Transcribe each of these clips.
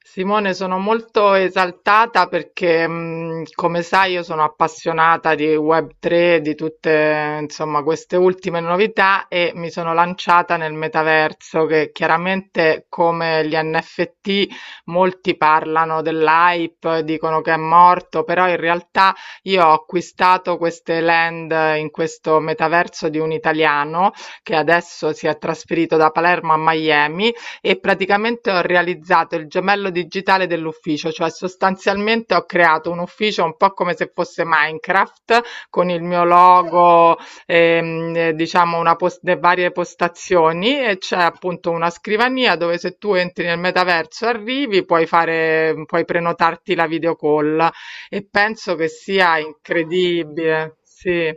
Simone, sono molto esaltata perché, come sai, io sono appassionata di Web3, di tutte, insomma, queste ultime novità e mi sono lanciata nel metaverso che chiaramente come gli NFT molti parlano dell'hype, dicono che è morto, però in realtà io ho acquistato queste land in questo metaverso di un italiano che adesso si è trasferito da Palermo a Miami e praticamente ho realizzato il gemello digitale dell'ufficio, cioè sostanzialmente ho creato un ufficio un po' come se fosse Minecraft con il mio logo, diciamo le varie postazioni e c'è appunto una scrivania dove se tu entri nel metaverso e arrivi puoi fare, puoi prenotarti la video call e penso che sia incredibile. Sì.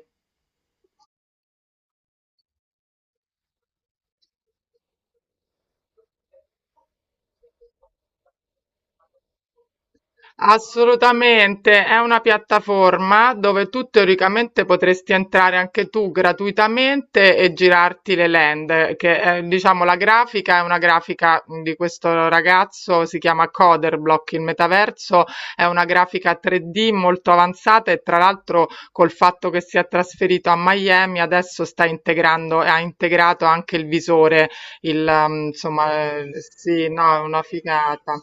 Assolutamente, è una piattaforma dove tu teoricamente potresti entrare anche tu gratuitamente e girarti le land, che è, diciamo la grafica è una grafica di questo ragazzo, si chiama Coderblock, il metaverso è una grafica 3D molto avanzata e tra l'altro col fatto che si è trasferito a Miami adesso sta integrando e ha integrato anche il visore, insomma, sì, no, è una figata.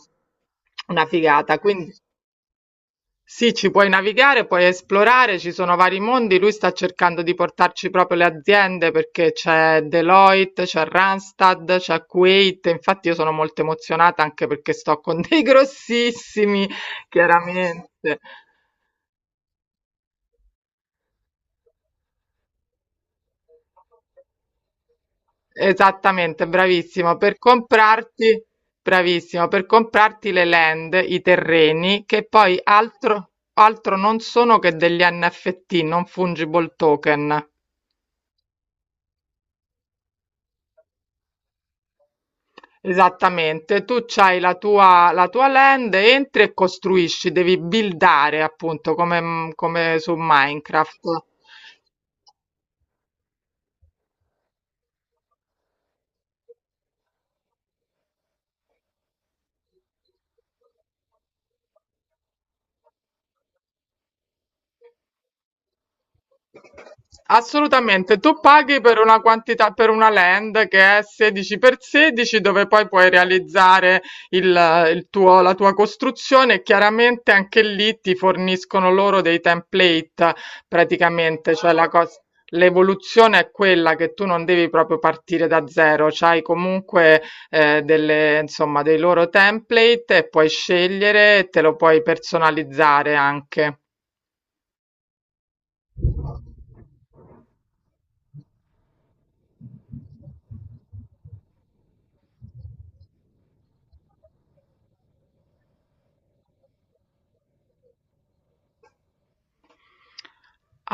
Una figata, quindi sì, ci puoi navigare, puoi esplorare, ci sono vari mondi. Lui sta cercando di portarci proprio le aziende perché c'è Deloitte, c'è Randstad, c'è Kuwait. Infatti io sono molto emozionata anche perché sto con dei grossissimi, chiaramente. Esattamente, bravissimo. Per comprarti, bravissimo, per comprarti le land, i terreni, che poi altro non sono che degli NFT, non fungible token. Esattamente, tu c'hai la tua land, entri e costruisci, devi buildare appunto come, su Minecraft. Assolutamente, tu paghi per una quantità, per una land che è 16 per 16 dove poi puoi realizzare il, il tuo, la tua costruzione e chiaramente anche lì ti forniscono loro dei template praticamente, cioè la cosa. L'evoluzione è quella che tu non devi proprio partire da zero, c'hai comunque delle, insomma, dei loro template e puoi scegliere e te lo puoi personalizzare anche.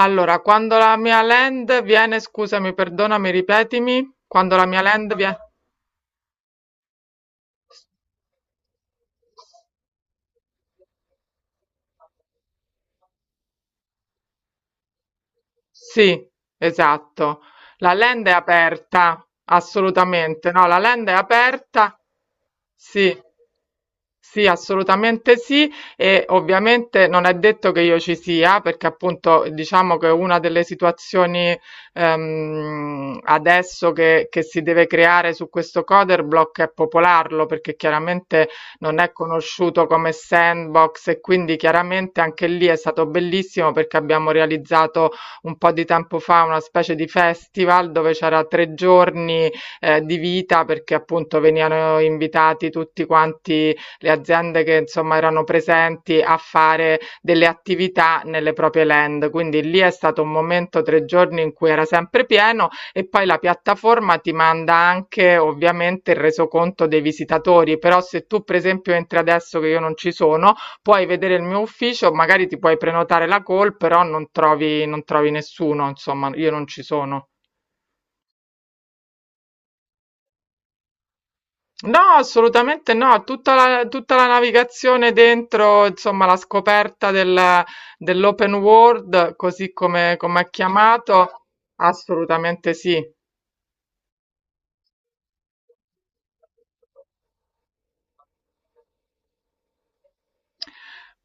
Allora, quando la mia land viene, scusami, perdonami, ripetimi, quando la mia land viene. Sì, esatto. La land è aperta, assolutamente. No, la land è aperta. Sì. Sì, assolutamente sì, e ovviamente non è detto che io ci sia, perché appunto diciamo che una delle situazioni adesso che si deve creare su questo Coderblock è popolarlo, perché chiaramente non è conosciuto come sandbox e quindi chiaramente anche lì è stato bellissimo perché abbiamo realizzato un po' di tempo fa una specie di festival dove c'era 3 giorni, di vita perché appunto venivano invitati tutti quanti le aziende che insomma erano presenti a fare delle attività nelle proprie land. Quindi lì è stato un momento 3 giorni in cui era sempre pieno e poi la piattaforma ti manda anche ovviamente il resoconto dei visitatori, però se tu per esempio entri adesso che io non ci sono, puoi vedere il mio ufficio, magari ti puoi prenotare la call, però non trovi nessuno, insomma, io non ci sono. No, assolutamente no, tutta la navigazione dentro, insomma, la scoperta dell'open world, così come, come è chiamato, assolutamente sì.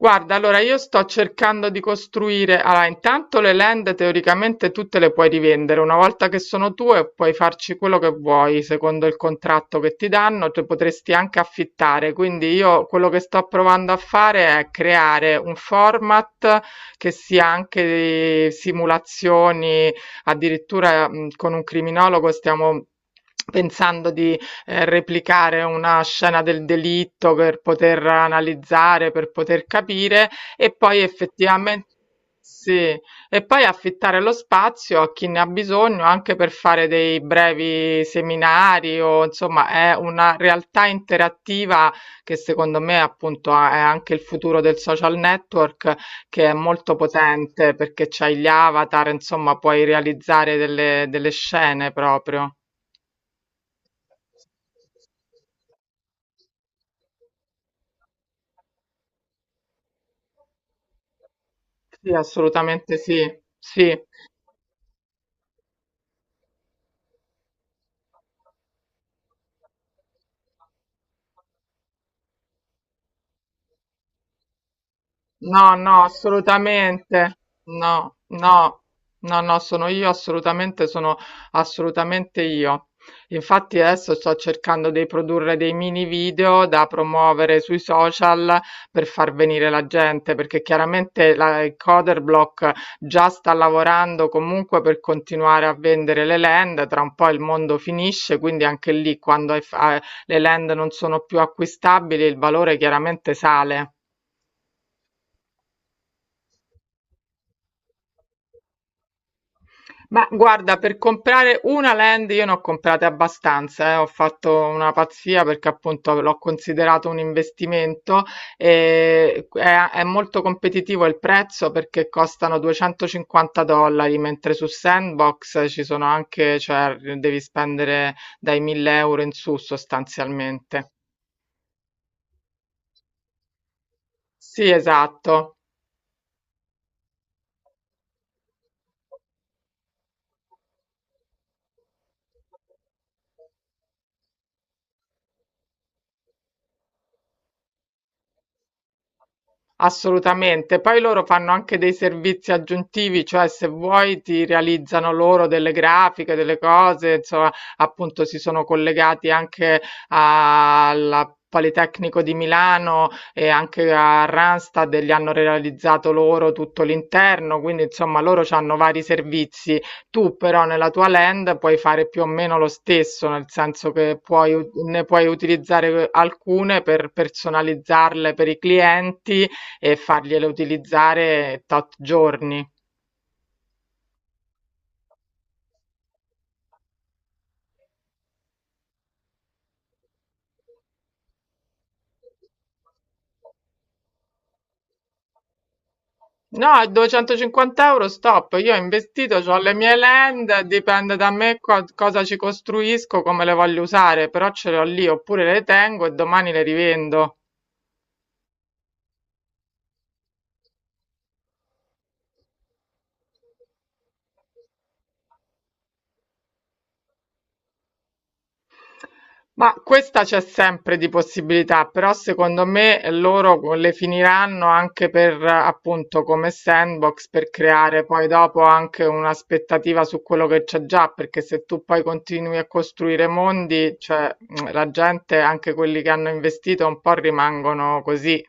Guarda, allora io sto cercando di costruire, allora intanto le land teoricamente tutte le puoi rivendere, una volta che sono tue puoi farci quello che vuoi, secondo il contratto che ti danno, tu potresti anche affittare, quindi io quello che sto provando a fare è creare un format che sia anche di simulazioni, addirittura con un criminologo stiamo pensando di replicare una scena del delitto per poter analizzare, per poter capire e poi effettivamente sì, e poi affittare lo spazio a chi ne ha bisogno anche per fare dei brevi seminari o insomma è una realtà interattiva che secondo me appunto è anche il futuro del social network che è molto potente perché c'hai gli avatar, insomma puoi realizzare delle scene proprio. Sì, assolutamente sì. Sì. No, no, assolutamente. No, no, no, no, sono io, assolutamente, sono assolutamente io. Infatti adesso sto cercando di produrre dei mini video da promuovere sui social per far venire la gente, perché chiaramente il Coderblock già sta lavorando comunque per continuare a vendere le land, tra un po' il mondo finisce, quindi anche lì quando le land non sono più acquistabili il valore chiaramente sale. Ma guarda, per comprare una land io ne ho comprate abbastanza, ho fatto una pazzia perché appunto l'ho considerato un investimento e è molto competitivo il prezzo perché costano 250 dollari, mentre su Sandbox ci sono anche, cioè devi spendere dai 1000 € in su sostanzialmente. Sì, esatto. Assolutamente, poi loro fanno anche dei servizi aggiuntivi, cioè se vuoi ti realizzano loro delle grafiche, delle cose, insomma, appunto si sono collegati anche al Politecnico di Milano e anche a Randstad e gli hanno realizzato loro tutto l'interno, quindi insomma loro hanno vari servizi. Tu però nella tua land puoi fare più o meno lo stesso, nel senso che puoi, ne puoi utilizzare alcune per personalizzarle per i clienti e fargliela utilizzare tot giorni. No, 250 € stop, io ho investito, ho le mie land, dipende da me cosa ci costruisco, come le voglio usare, però ce le ho lì, oppure le tengo e domani le rivendo. Ma questa c'è sempre di possibilità, però secondo me loro le finiranno anche per appunto come sandbox per creare poi dopo anche un'aspettativa su quello che c'è già, perché se tu poi continui a costruire mondi, cioè la gente, anche quelli che hanno investito, un po' rimangono così.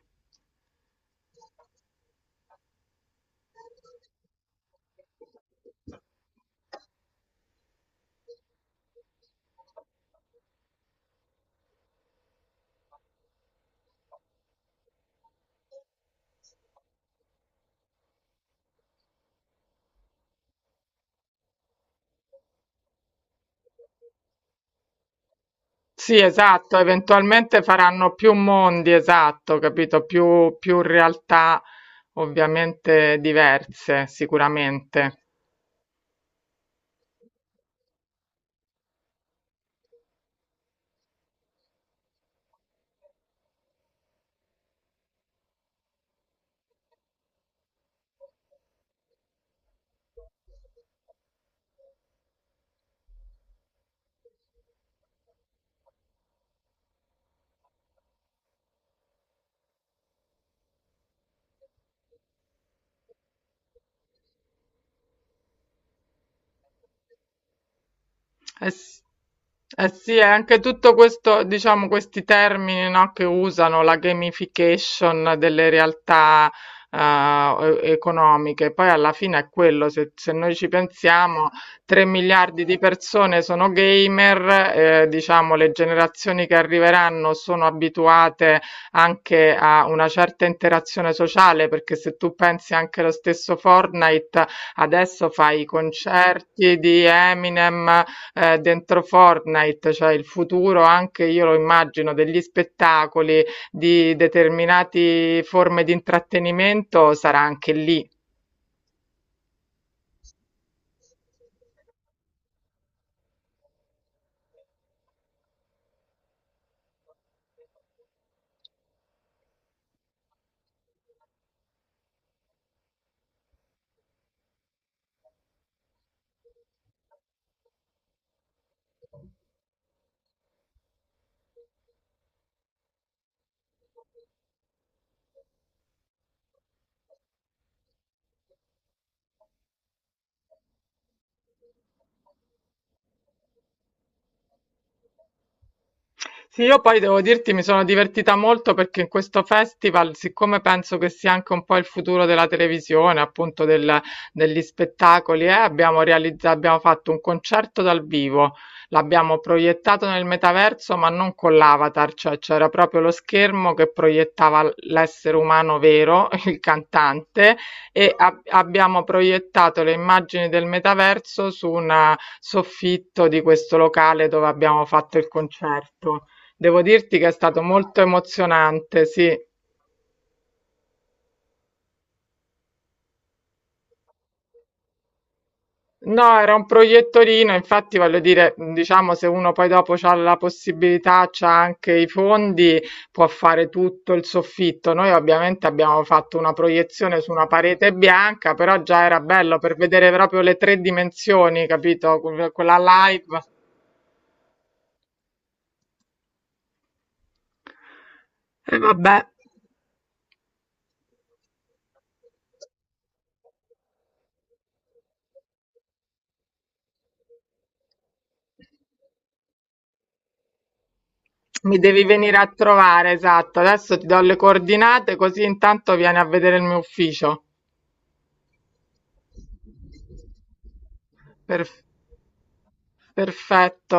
Sì, esatto, eventualmente faranno più mondi, esatto, capito? Più realtà ovviamente diverse, sicuramente. Eh s- eh sì, è anche tutto questo, diciamo, questi termini, no, che usano la gamification delle realtà eh, economiche. Poi alla fine è quello, se noi ci pensiamo, 3 miliardi di persone sono gamer, diciamo, le generazioni che arriveranno sono abituate anche a una certa interazione sociale, perché se tu pensi anche allo stesso Fortnite, adesso fai i concerti di Eminem dentro Fortnite, cioè il futuro anche io lo immagino degli spettacoli, di determinate forme di intrattenimento sarà anche lì. Sì, io poi devo dirti, mi sono divertita molto perché in questo festival, siccome penso che sia anche un po' il futuro della televisione, appunto degli spettacoli, abbiamo fatto un concerto dal vivo, l'abbiamo proiettato nel metaverso, ma non con l'avatar, cioè c'era proprio lo schermo che proiettava l'essere umano vero, il cantante, e abbiamo proiettato le immagini del metaverso su un soffitto di questo locale dove abbiamo fatto il concerto. Devo dirti che è stato molto emozionante, sì. No, era un proiettorino, infatti voglio dire, diciamo, se uno poi dopo ha la possibilità, c'ha anche i fondi, può fare tutto il soffitto. Noi ovviamente abbiamo fatto una proiezione su una parete bianca, però già era bello per vedere proprio le tre dimensioni, capito? Quella live. E vabbè, mi devi venire a trovare, esatto. Adesso ti do le coordinate, così intanto vieni a vedere il mio ufficio. Per- Perfetto.